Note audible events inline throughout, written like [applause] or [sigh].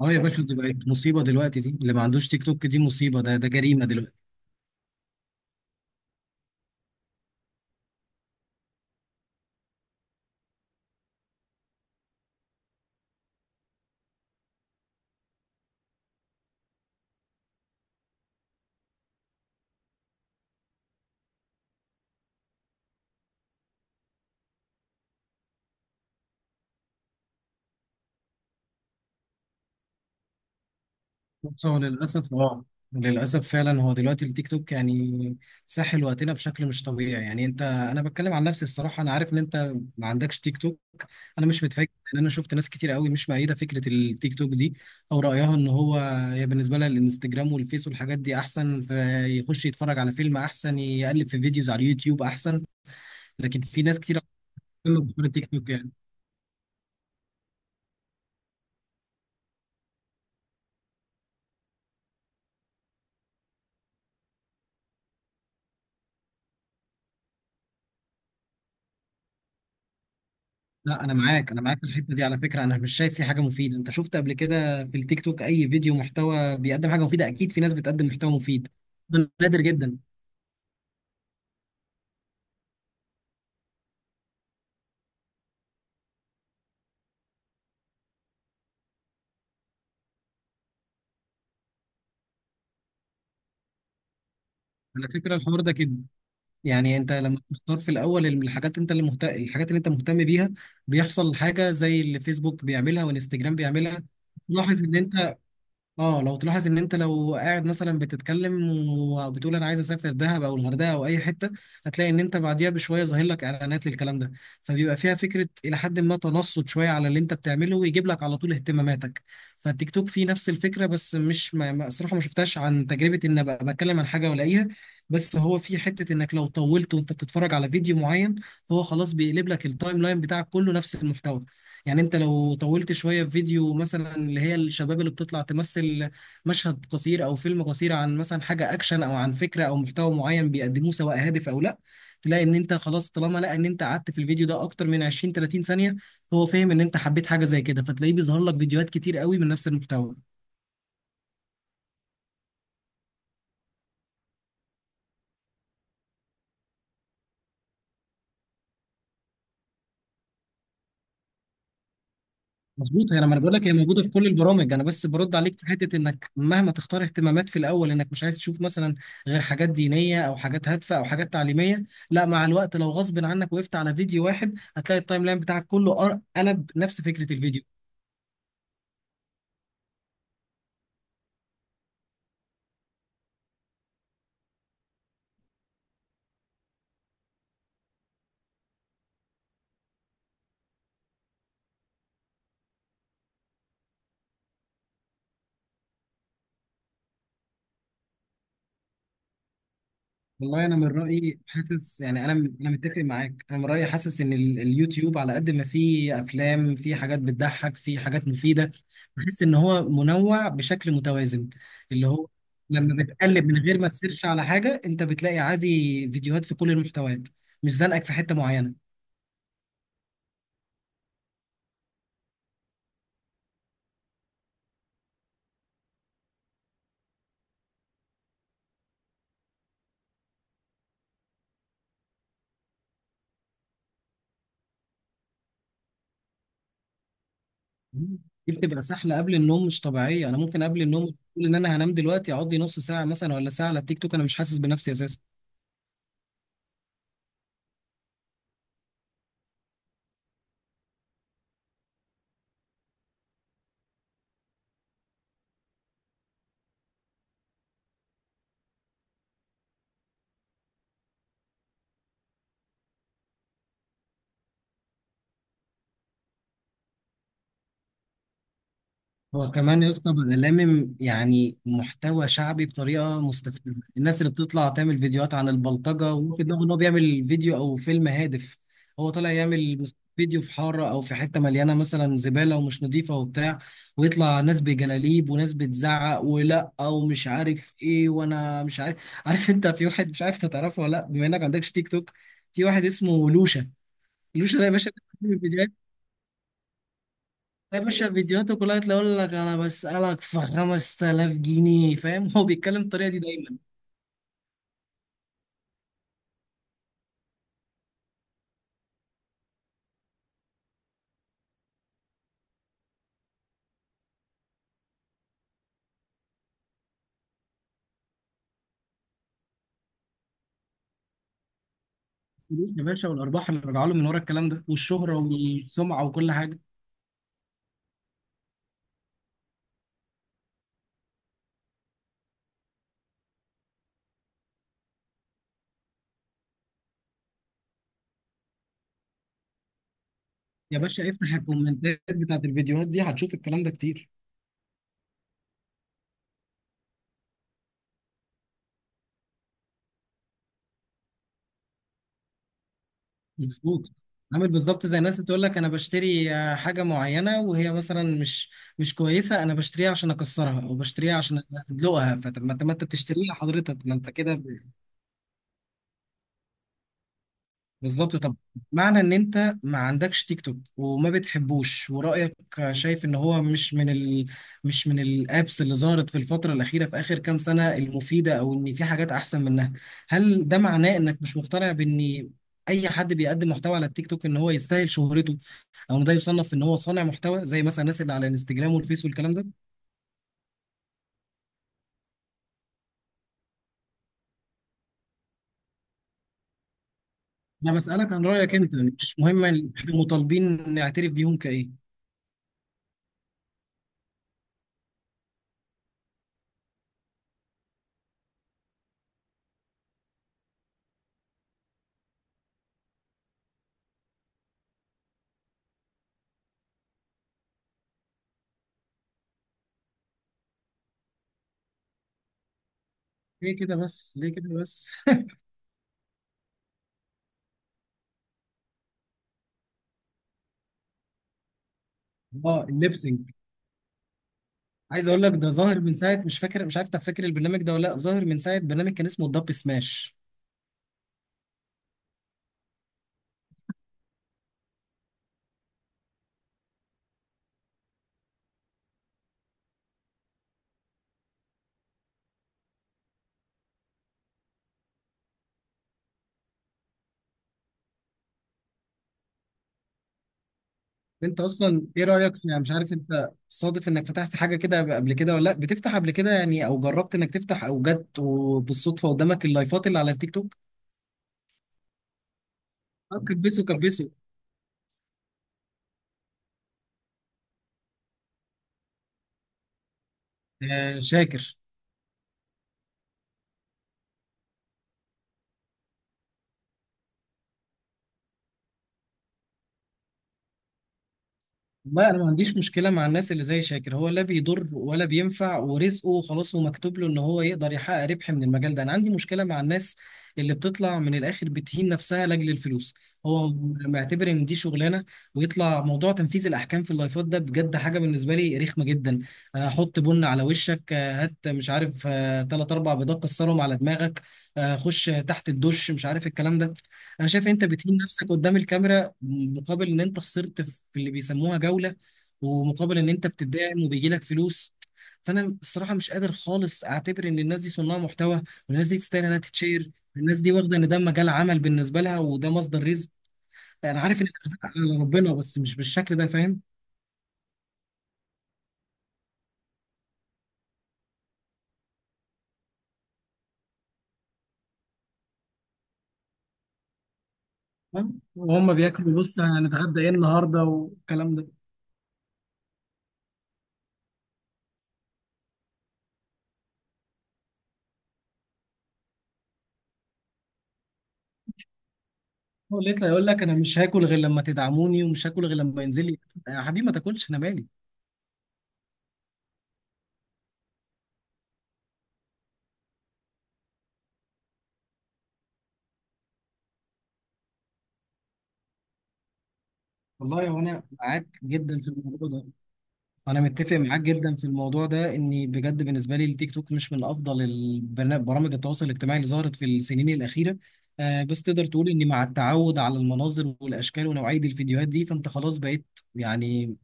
اه، يا باشا، دي بقت مصيبة دلوقتي. دي اللي ما عندوش تيك توك دي مصيبة. ده جريمة دلوقتي. بص، هو للأسف، فعلا هو دلوقتي التيك توك يعني ساحل وقتنا بشكل مش طبيعي. يعني انا بتكلم عن نفسي. الصراحة انا عارف ان انت ما عندكش تيك توك. انا مش متفاجئ لان انا شفت ناس كتير قوي مش مؤيدة فكرة التيك توك دي. او رأيها ان هي بالنسبة لها الانستجرام والفيس والحاجات دي احسن، فيخش يتفرج على فيلم احسن، يقلب في فيديوز على اليوتيوب احسن. لكن في ناس كتير قوي بتتكلم عن التيك توك يعني. لا، انا معاك في الحته دي. على فكره انا مش شايف في حاجه مفيده. انت شفت قبل كده في التيك توك اي فيديو محتوى بيقدم حاجه مفيده؟ اكيد في ناس بتقدم محتوى مفيد، ده نادر جدا. على فكره الحوار ده كده، يعني انت لما بتختار في الاول الحاجات الحاجات اللي انت مهتم بيها، بيحصل حاجه زي اللي فيسبوك بيعملها وانستجرام بيعملها. تلاحظ ان انت اه لو تلاحظ ان انت لو قاعد مثلا بتتكلم وبتقول انا عايز اسافر دهب او الغردقه او اي حته، هتلاقي ان انت بعديها بشويه ظاهر لك اعلانات للكلام ده. فبيبقى فيها فكره الى حد ما تنصت شويه على اللي انت بتعمله ويجيب لك على طول اهتماماتك. فالتيك توك فيه نفس الفكره، بس مش الصراحه ما شفتهاش عن تجربه ان ابقى بتكلم عن حاجه والاقيها. بس هو في حته انك لو طولت وانت بتتفرج على فيديو معين، هو خلاص بيقلب لك التايم لاين بتاعك كله نفس المحتوى. يعني انت لو طولت شويه في فيديو، مثلا اللي هي الشباب اللي بتطلع تمثل مشهد قصير او فيلم قصير عن مثلا حاجه اكشن او عن فكره او محتوى معين بيقدموه سواء هادف او لا، تلاقي ان انت خلاص طالما لقى ان انت قعدت في الفيديو ده اكتر من 20 30 ثانيه، هو فاهم ان انت حبيت حاجه زي كده فتلاقيه بيظهر لك فيديوهات كتير قوي من نفس المحتوى. مظبوط، يعني ما انا بقول لك هي موجوده في كل البرامج. انا بس برد عليك في حته انك مهما تختار اهتمامات في الاول انك مش عايز تشوف مثلا غير حاجات دينيه او حاجات هادفه او حاجات تعليميه، لا مع الوقت لو غصب عنك وقفت على فيديو واحد هتلاقي التايم لاين بتاعك كله قلب نفس فكره الفيديو. والله انا من رايي حاسس، يعني انا، انا متفق معاك. انا من رايي حاسس ان اليوتيوب على قد ما فيه افلام، فيه حاجات بتضحك، فيه حاجات مفيده. بحس ان هو منوع بشكل متوازن. اللي هو لما بتقلب من غير ما تسيرش على حاجه، انت بتلاقي عادي فيديوهات في كل المحتويات، مش زنقك في حته معينه. مم. دي بتبقى سحله قبل النوم مش طبيعيه. انا ممكن قبل النوم اقول ان انا هنام دلوقتي، اقعد لي نص ساعه مثلا ولا ساعه على التيك توك، انا مش حاسس بنفسي اساسا. هو كمان يا اسطى بقى يعني محتوى شعبي بطريقه مستفزه. الناس اللي بتطلع تعمل فيديوهات عن البلطجه وفي دماغه ان هو بيعمل فيديو او فيلم هادف. هو طالع يعمل فيديو في حاره او في حته مليانه مثلا زباله ومش نظيفه وبتاع، ويطلع ناس بجلاليب وناس بتزعق ولا ومش عارف ايه. وانا مش عارف، عارف انت في واحد، مش عارف انت تعرفه ولا لا بما انك ما عندكش تيك توك. في واحد اسمه لوشا. لوشا ده يا باشا فيديوهاته كلها تلاقي يقول لك انا بسألك في 5000 جنيه، فاهم؟ [laughs] هو بيتكلم بالطريقه دي دايما. الفلوس يا باشا، والارباح اللي راجعه له من ورا الكلام ده، والشهره والسمعه وكل حاجه. يا باشا افتح الكومنتات بتاعت الفيديوهات دي هتشوف الكلام ده كتير. مظبوط. عامل بالظبط زي الناس اللي تقول لك انا بشتري حاجه معينه وهي مثلا مش كويسه، انا بشتريها عشان اكسرها او بشتريها عشان ادلقها. فطب، ما انت بتشتريها حضرتك، ما انت كده بالظبط. طب، معنى ان انت ما عندكش تيك توك وما بتحبوش ورأيك شايف ان هو مش من الابس اللي ظهرت في الفترة الأخيرة في آخر كام سنة المفيدة او ان في حاجات احسن منها، هل ده معناه انك مش مقتنع بان اي حد بيقدم محتوى على التيك توك ان هو يستاهل شهرته، او إن ده يصنف ان هو صانع محتوى زي مثلا الناس اللي على الانستجرام والفيس والكلام ده؟ انا بسألك عن رأيك انت، مش مهم احنا مطالبين نعترف بيهم كايه. ليه كده بس. [laughs] اه، الليبسينج. عايز اقول لك ده ظاهر من ساعه، مش فاكر، مش عارف انت فاكر البرنامج ده ولا لا، ظاهر من ساعه برنامج كان اسمه الدب سماش. انت اصلا ايه رايك في، يعني مش عارف انت صادف انك فتحت حاجه كده قبل كده ولا لا، بتفتح قبل كده يعني، او جربت انك تفتح، او جت وبالصدفه قدامك اللايفات اللي على التيك توك؟ كبسوا. آه، شاكر. والله انا ما عنديش مشكله مع الناس اللي زي شاكر، هو لا بيضر ولا بينفع ورزقه خلاص ومكتوب له ان هو يقدر يحقق ربح من المجال ده. انا عندي مشكله مع الناس اللي بتطلع من الاخر بتهين نفسها لاجل الفلوس. هو معتبر ان دي شغلانه. ويطلع موضوع تنفيذ الاحكام في اللايفات ده بجد حاجه بالنسبه لي رخمه جدا. حط بن على وشك، هات مش عارف ثلاث اربع بيضات كسرهم على دماغك، خش تحت الدش، مش عارف الكلام ده. انا شايف انت بتهين نفسك قدام الكاميرا مقابل ان انت خسرت في اللي بيسموها جولة، ومقابل ان انت بتدعم وبيجي لك فلوس. فانا الصراحة مش قادر خالص اعتبر ان الناس دي صناع محتوى والناس دي تستاهل انها تتشير. الناس دي واخدة ان ده مجال عمل بالنسبة لها وده مصدر رزق. انا عارف ان الرزق على ربنا بس مش بالشكل ده، فاهم؟ وهم بياكلوا بص هنتغدى ايه النهارده والكلام ده. هو لقيت يقول لك انا مش هاكل غير لما تدعموني، ومش هاكل غير لما ينزل لي. يا حبيبي ما تاكلش، انا مالي. والله هو انا معاك جدا في الموضوع ده. انا متفق معاك جدا في الموضوع ده، اني بجد بالنسبه لي التيك توك مش من افضل برامج التواصل الاجتماعي اللي ظهرت في السنين الاخيره. بس تقدر تقول اني مع التعود على المناظر والاشكال ونوعيه الفيديوهات دي فانت خلاص بقيت يعني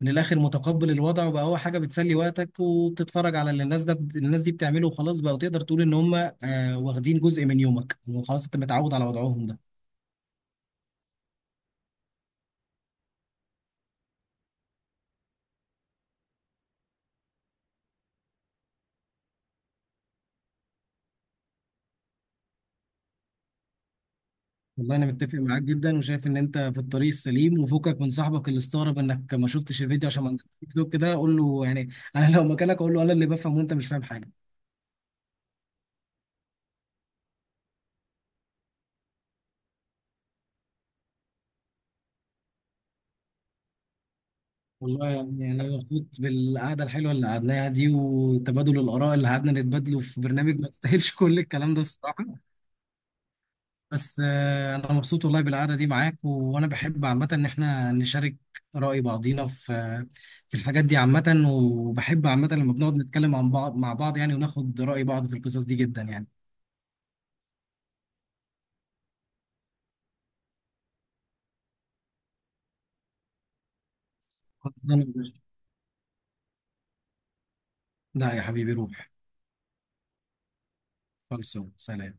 من الاخر متقبل الوضع، وبقى هو حاجه بتسلي وقتك وبتتفرج على اللي الناس ده الناس دي بتعمله، وخلاص بقى تقدر تقول ان هم واخدين جزء من يومك وخلاص انت متعود على وضعهم ده. والله انا متفق معاك جدا، وشايف ان انت في الطريق السليم، وفكك من صاحبك اللي استغرب انك ما شفتش الفيديو عشان ما عندكش تيك توك. كده قول له يعني [laughs] انا لو مكانك اقول له انا اللي بفهم وانت مش فاهم حاجه. والله يعني انا مبسوط بالقعده الحلوه اللي قعدناها دي وتبادل الاراء اللي قعدنا نتبادله في برنامج ما يستاهلش [laughs] كل الكلام ده الصراحه. بس انا مبسوط والله بالقعده دي معاك، وانا بحب عامه ان احنا نشارك رأي بعضينا في الحاجات دي عامه، وبحب عامه لما بنقعد نتكلم عن بعض مع بعض يعني وناخد رأي بعض في القصص دي جدا يعني. خلصانة يا باشا. لا يا حبيبي، روح. خلصوا، سلام.